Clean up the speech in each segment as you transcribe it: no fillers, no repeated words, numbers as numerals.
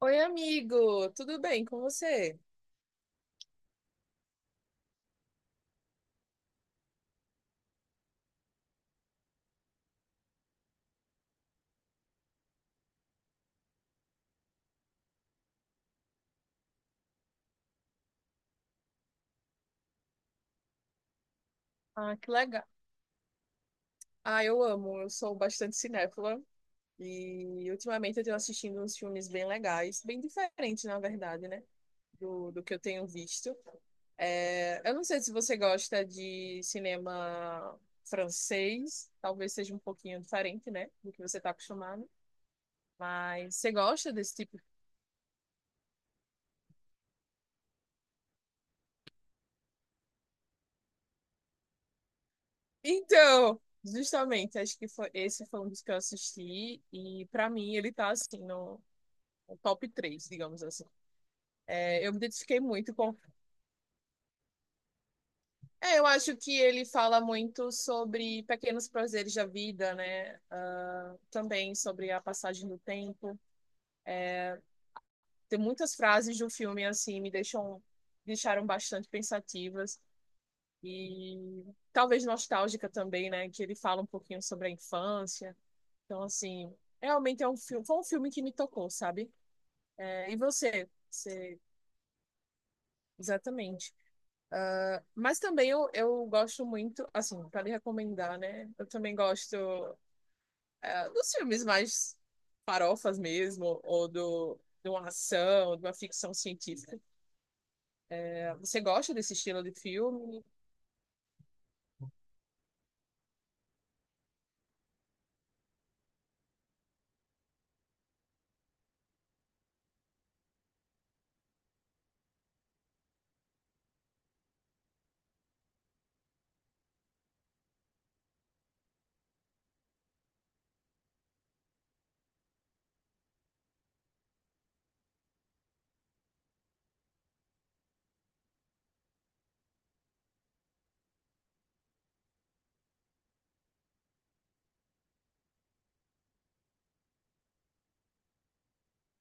Oi, amigo, tudo bem com você? Ah, que legal. Ah, eu amo, eu sou bastante cinéfila e ultimamente eu tenho assistindo uns filmes bem legais, bem diferentes, na verdade, né, do que eu tenho visto. É, eu não sei se você gosta de cinema francês, talvez seja um pouquinho diferente, né, do que você está acostumado, mas você gosta desse tipo? Então, justamente, esse foi um dos que eu assisti e para mim ele tá assim, no o top 3, digamos assim. É, eu me identifiquei muito com. É, eu acho que ele fala muito sobre pequenos prazeres da vida, né? Ah, também sobre a passagem do tempo. Tem muitas frases do filme assim me deixam deixaram bastante pensativas e talvez nostálgica também, né? Que ele fala um pouquinho sobre a infância. Então assim, realmente foi um filme que me tocou, sabe? É, e você? Exatamente. Mas também eu gosto muito, assim, para lhe recomendar, né? Eu também gosto dos filmes mais farofas mesmo, ou de uma ação, de uma ficção científica. Você gosta desse estilo de filme?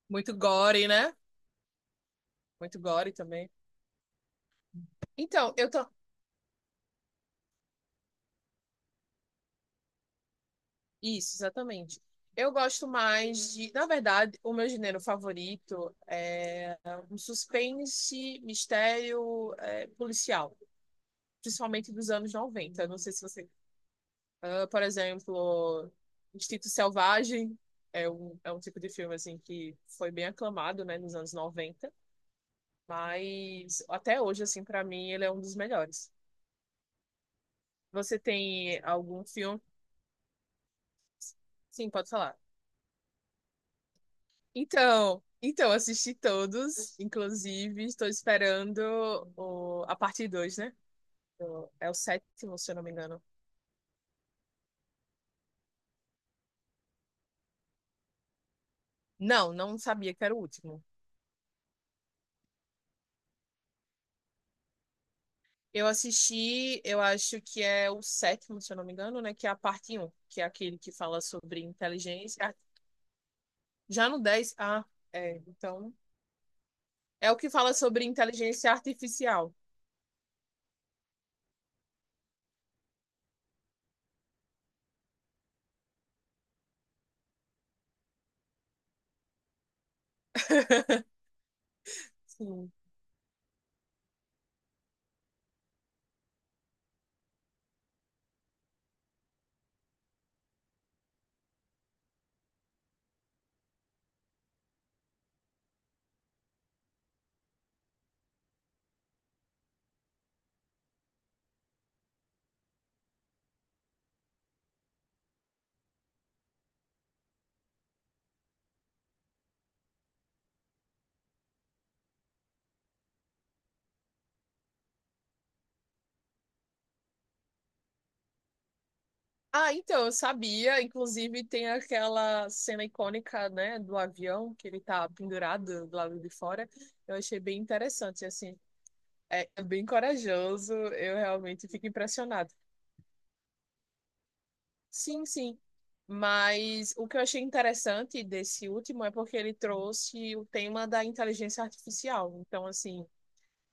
Muito gore, né? Muito gore também. Então, eu tô. Isso, exatamente. Eu gosto mais de. Na verdade, o meu gênero favorito é um suspense, mistério, é, policial, principalmente dos anos noventa. Não sei se você. Ah, por exemplo, Instinto Selvagem é um tipo de filme assim que foi bem aclamado, né, nos anos noventa, mas até hoje, assim, para mim, ele é um dos melhores. Você tem algum filme? Sim, pode falar. Então, assisti todos, inclusive estou esperando a parte 2, né? É o sétimo, se eu não me engano. Não, não sabia que era o último. Eu assisti, eu acho que é o sétimo, se eu não me engano, né? Que é a parte um, que é aquele que fala sobre inteligência. Ar- Já no dez, ah, é, então. É o que fala sobre inteligência artificial. Sim. Ah, então, eu sabia. Inclusive, tem aquela cena icônica, né, do avião, que ele tá pendurado do lado de fora. Eu achei bem interessante, assim. É é bem corajoso, eu realmente fico impressionado. Sim, sim. Mas o que eu achei interessante desse último é porque ele trouxe o tema da inteligência artificial. Então, assim,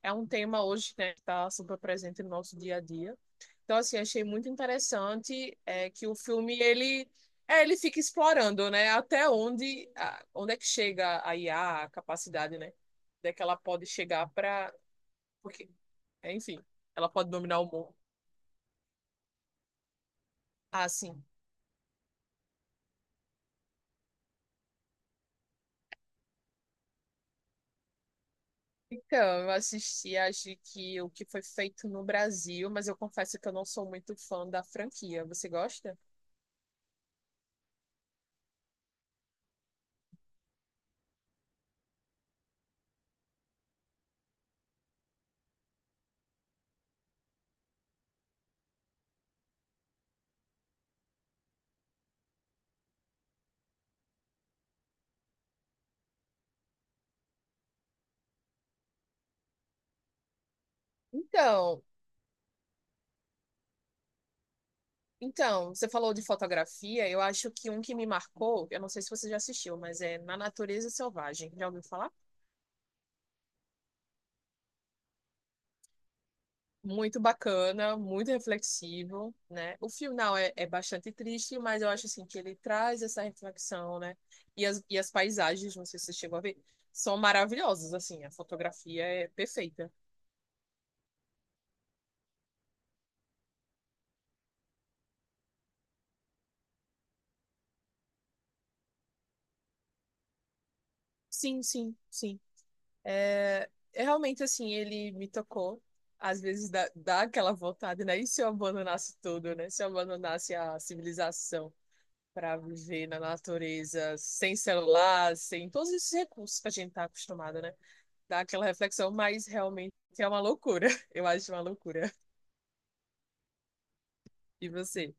é um tema hoje, né, que está super presente no nosso dia a dia. Então, assim, achei muito interessante que o filme, é, ele fica explorando, né, até onde, a- onde é que chega a IA, a capacidade, né, onde é que ela pode chegar para... Porque, é, enfim, ela pode dominar o mundo. Ah, sim. Então, eu assisti, acho que o que foi feito no Brasil, mas eu confesso que eu não sou muito fã da franquia. Você gosta? Então, você falou de fotografia, eu acho que um que me marcou, eu não sei se você já assistiu, mas é Na Natureza Selvagem. Já ouviu falar? Muito bacana, muito reflexivo, né? O final é bastante triste, mas eu acho assim que ele traz essa reflexão, né? E e as paisagens, não sei se você chegou a ver, são maravilhosas, assim, a fotografia é perfeita. Sim, sim, sim. É, é realmente assim, ele me tocou. Às vezes dá aquela vontade, né? E se eu abandonasse tudo, né? Se eu abandonasse a civilização para viver na natureza, sem celular, sem todos esses recursos que a gente tá acostumado, né? Dá aquela reflexão, mas realmente é uma loucura. Eu acho uma loucura. E você?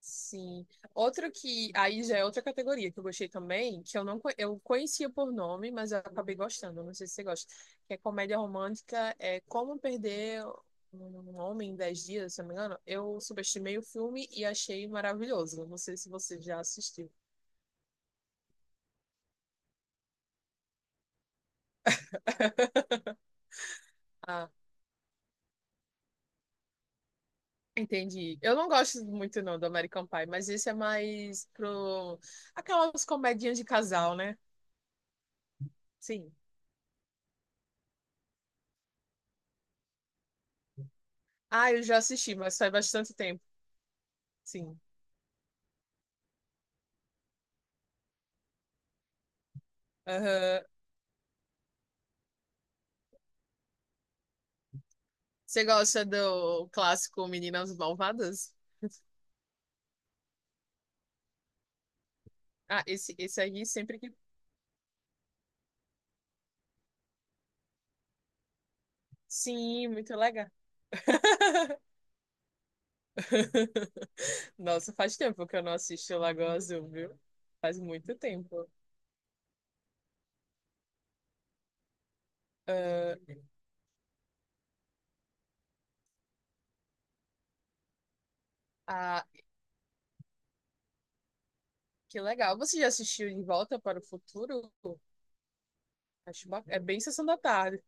Sim. Outro que aí já é outra categoria que eu gostei também, que eu não co- eu conhecia por nome, mas eu acabei gostando. Não sei se você gosta. Que é comédia romântica, é Como Perder um Homem em 10 Dias, se eu não me engano. Eu subestimei o filme e achei maravilhoso. Não sei se você já assistiu. Ah, entendi. Eu não gosto muito não do American Pie, mas esse é mais pro aquelas comedinhas de casal, né? Sim. Ah, eu já assisti, mas faz bastante tempo. Sim. Aham. Você gosta do clássico Meninas Malvadas? Ah, esse aí sempre que. Sim, muito legal. Nossa, faz tempo que eu não assisto Lagoa Azul, viu? Faz muito tempo. Ah, ah, que legal. Você já assistiu De Volta para o Futuro? Acho bacana. É bem Sessão da Tarde.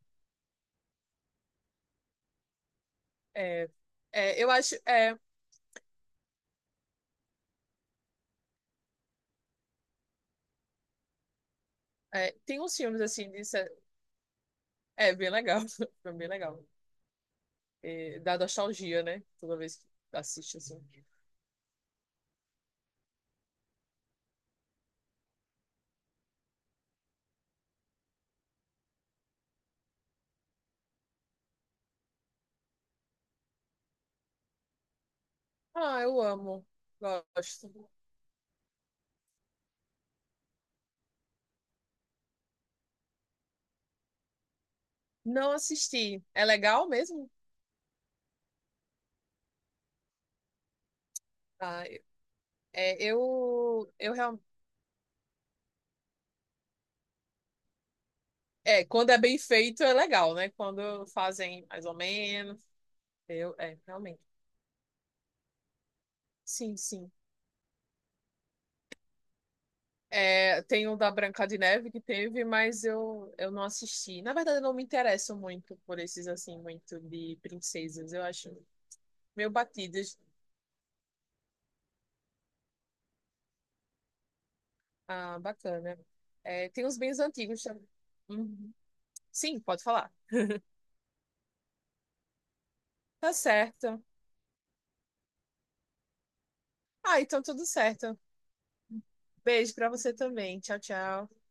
É, eu acho. É, é, tem uns filmes assim de se- É bem legal. Foi bem legal. É, dá nostalgia, né? Toda vez que assiste assim. Ah, eu amo. Gosto. Não assisti. É legal mesmo? Ah, é, eu realmente. É, quando é bem feito é legal, né? Quando fazem mais ou menos. Realmente. Sim, sim. É, tem o da Branca de Neve que teve, mas eu não assisti. Na verdade, eu não me interesso muito por esses, assim, muito de princesas. Eu acho meio batidas. Ah, bacana. É, tem uns bens antigos também. Uhum. Sim, pode falar. Tá certo. Ah, então tudo certo. Beijo pra você também. Tchau, tchau.